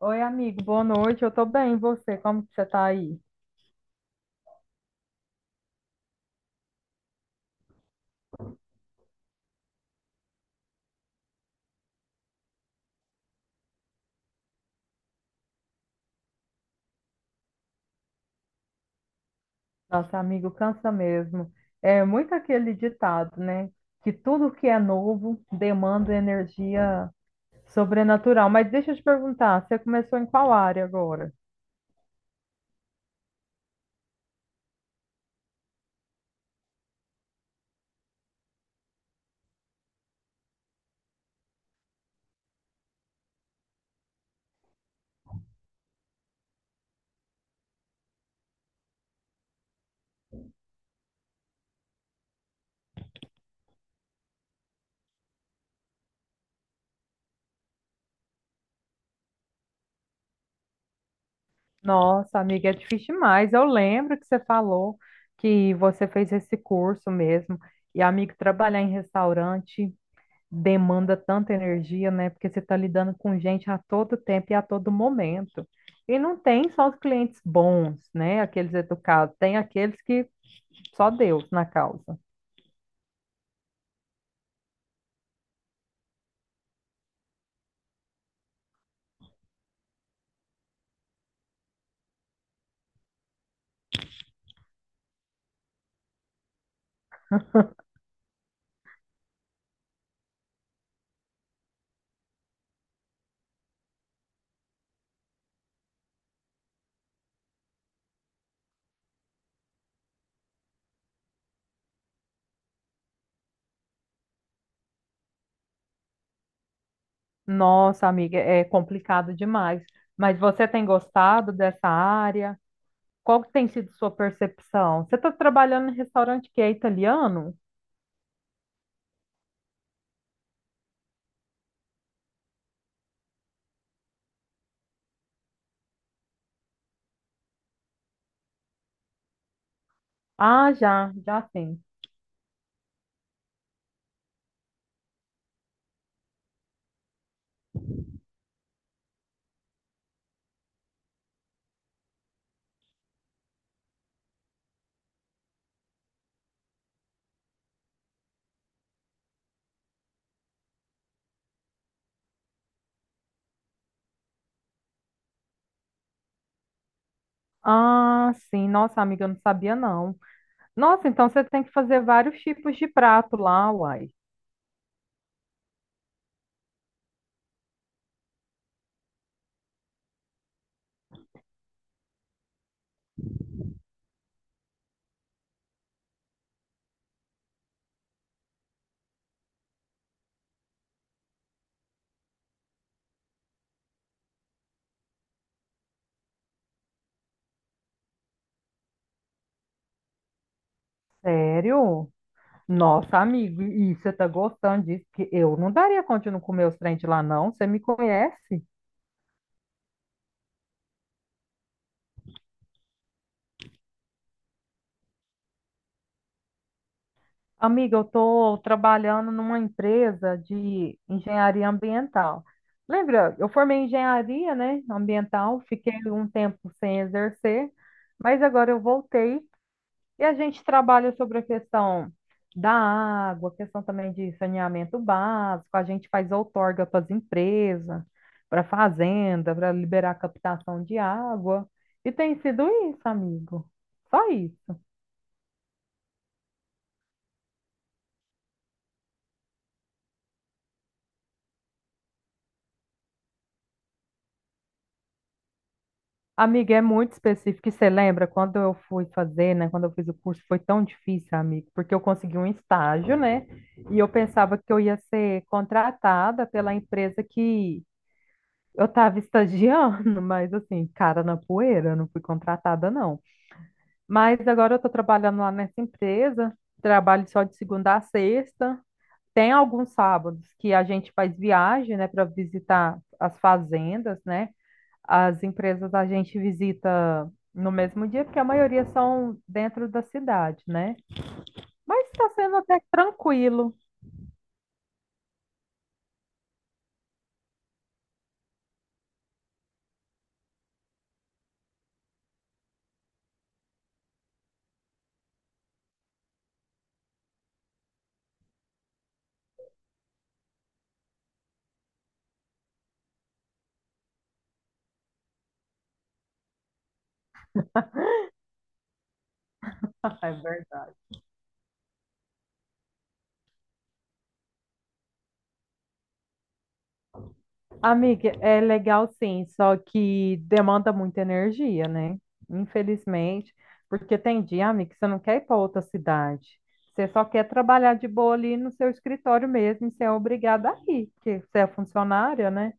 Oi, amigo, boa noite. Eu tô bem, e você? Como que você tá aí? Nossa, amigo, cansa mesmo. É muito aquele ditado, né? Que tudo que é novo demanda energia sobrenatural. Mas deixa eu te perguntar, você começou em qual área agora? Nossa, amiga, é difícil demais. Eu lembro que você falou que você fez esse curso mesmo. E, amigo, trabalhar em restaurante demanda tanta energia, né? Porque você está lidando com gente a todo tempo e a todo momento. E não tem só os clientes bons, né? Aqueles educados, tem aqueles que só Deus na causa. Nossa, amiga, é complicado demais. Mas você tem gostado dessa área? Qual que tem sido sua percepção? Você está trabalhando em restaurante que é italiano? Ah, já, já sim. Ah, sim. Nossa, amiga, eu não sabia não. Nossa, então você tem que fazer vários tipos de prato lá, uai. Sério? Nossa, amigo, e você tá gostando disso? Que eu não daria conta de não comer os trem de lá, não. Você me conhece? Amiga, eu estou trabalhando numa empresa de engenharia ambiental. Lembra, eu formei em engenharia, né, ambiental, fiquei um tempo sem exercer, mas agora eu voltei e a gente trabalha sobre a questão da água, questão também de saneamento básico, a gente faz outorga para as empresas, para fazenda, para liberar a captação de água. E tem sido isso, amigo. Só isso. Amiga, é muito específico. E você lembra quando eu fui fazer, né? Quando eu fiz o curso, foi tão difícil, amigo, porque eu consegui um estágio, né? E eu pensava que eu ia ser contratada pela empresa que eu estava estagiando, mas assim, cara na poeira, eu não fui contratada, não. Mas agora eu estou trabalhando lá nessa empresa, trabalho só de segunda a sexta. Tem alguns sábados que a gente faz viagem, né, para visitar as fazendas, né? As empresas a gente visita no mesmo dia, porque a maioria são dentro da cidade, né? Mas está sendo até tranquilo. É verdade. Amiga, é legal sim, só que demanda muita energia, né? Infelizmente, porque tem dia, amiga, que você não quer ir para outra cidade. Você só quer trabalhar de boa ali no seu escritório mesmo, e você é obrigada a ir, porque você é funcionária, né?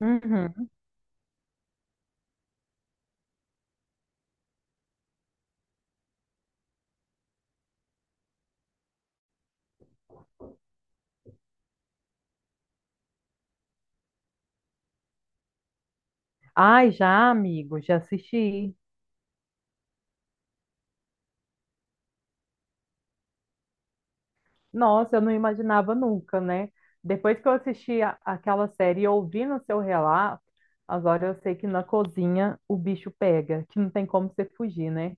Uhum. Ai, já, amigo, já assisti. Nossa, eu não imaginava nunca, né? Depois que eu assisti aquela série e ouvindo o seu relato, agora eu sei que na cozinha o bicho pega, que não tem como você fugir, né?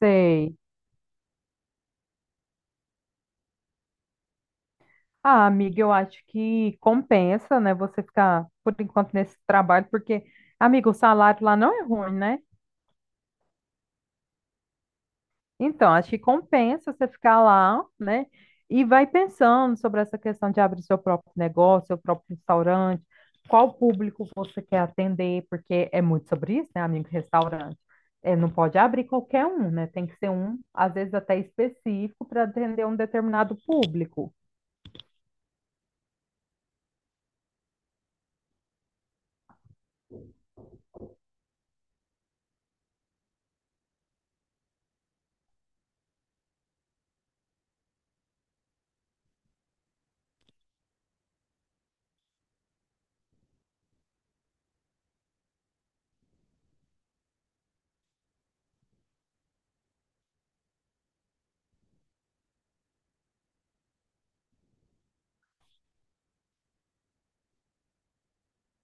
Sei. Ah, amiga, eu acho que compensa, né, você ficar por enquanto nesse trabalho, porque, amiga, o salário lá não é ruim, né? Então, acho que compensa você ficar lá, né? E vai pensando sobre essa questão de abrir seu próprio negócio, seu próprio restaurante, qual público você quer atender, porque é muito sobre isso, né, amigo? Restaurante. É, não pode abrir qualquer um, né? Tem que ser um, às vezes até específico, para atender um determinado público.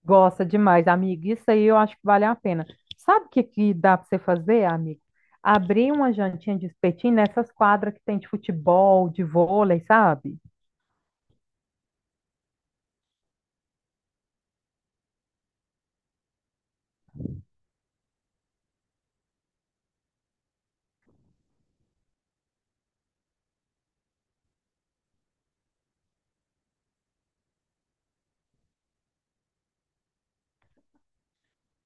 Gosta demais, amigo. Isso aí eu acho que vale a pena. Sabe o que, que dá para você fazer, amigo? Abrir uma jantinha de espetinho nessas quadras que tem de futebol, de vôlei, sabe?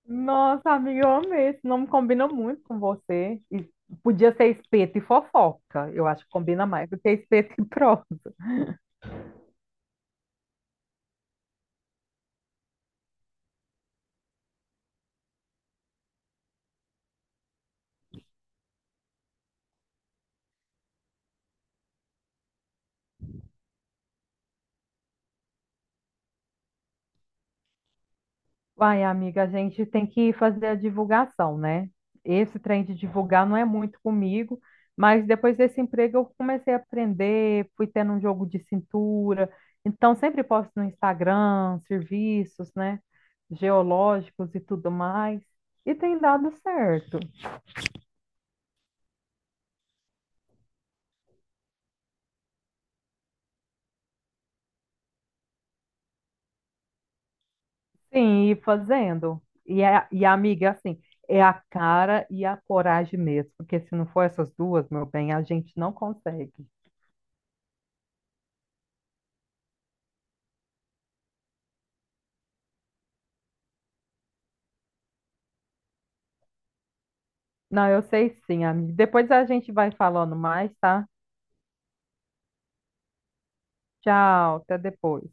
Nossa, amiga, eu amei. Esse nome combina muito com você. E podia ser espeto e fofoca. Eu acho que combina mais do que espeto e prosa. Vai, amiga, a gente tem que fazer a divulgação, né? Esse trem de divulgar não é muito comigo, mas depois desse emprego eu comecei a aprender, fui tendo um jogo de cintura. Então, sempre posto no Instagram, serviços, né? Geológicos e tudo mais. E tem dado certo. Sim, e fazendo. E a amiga, assim, é a cara e a coragem mesmo, porque se não for essas duas, meu bem, a gente não consegue. Não, eu sei sim, amiga. Depois a gente vai falando mais, tá? Tchau, até depois.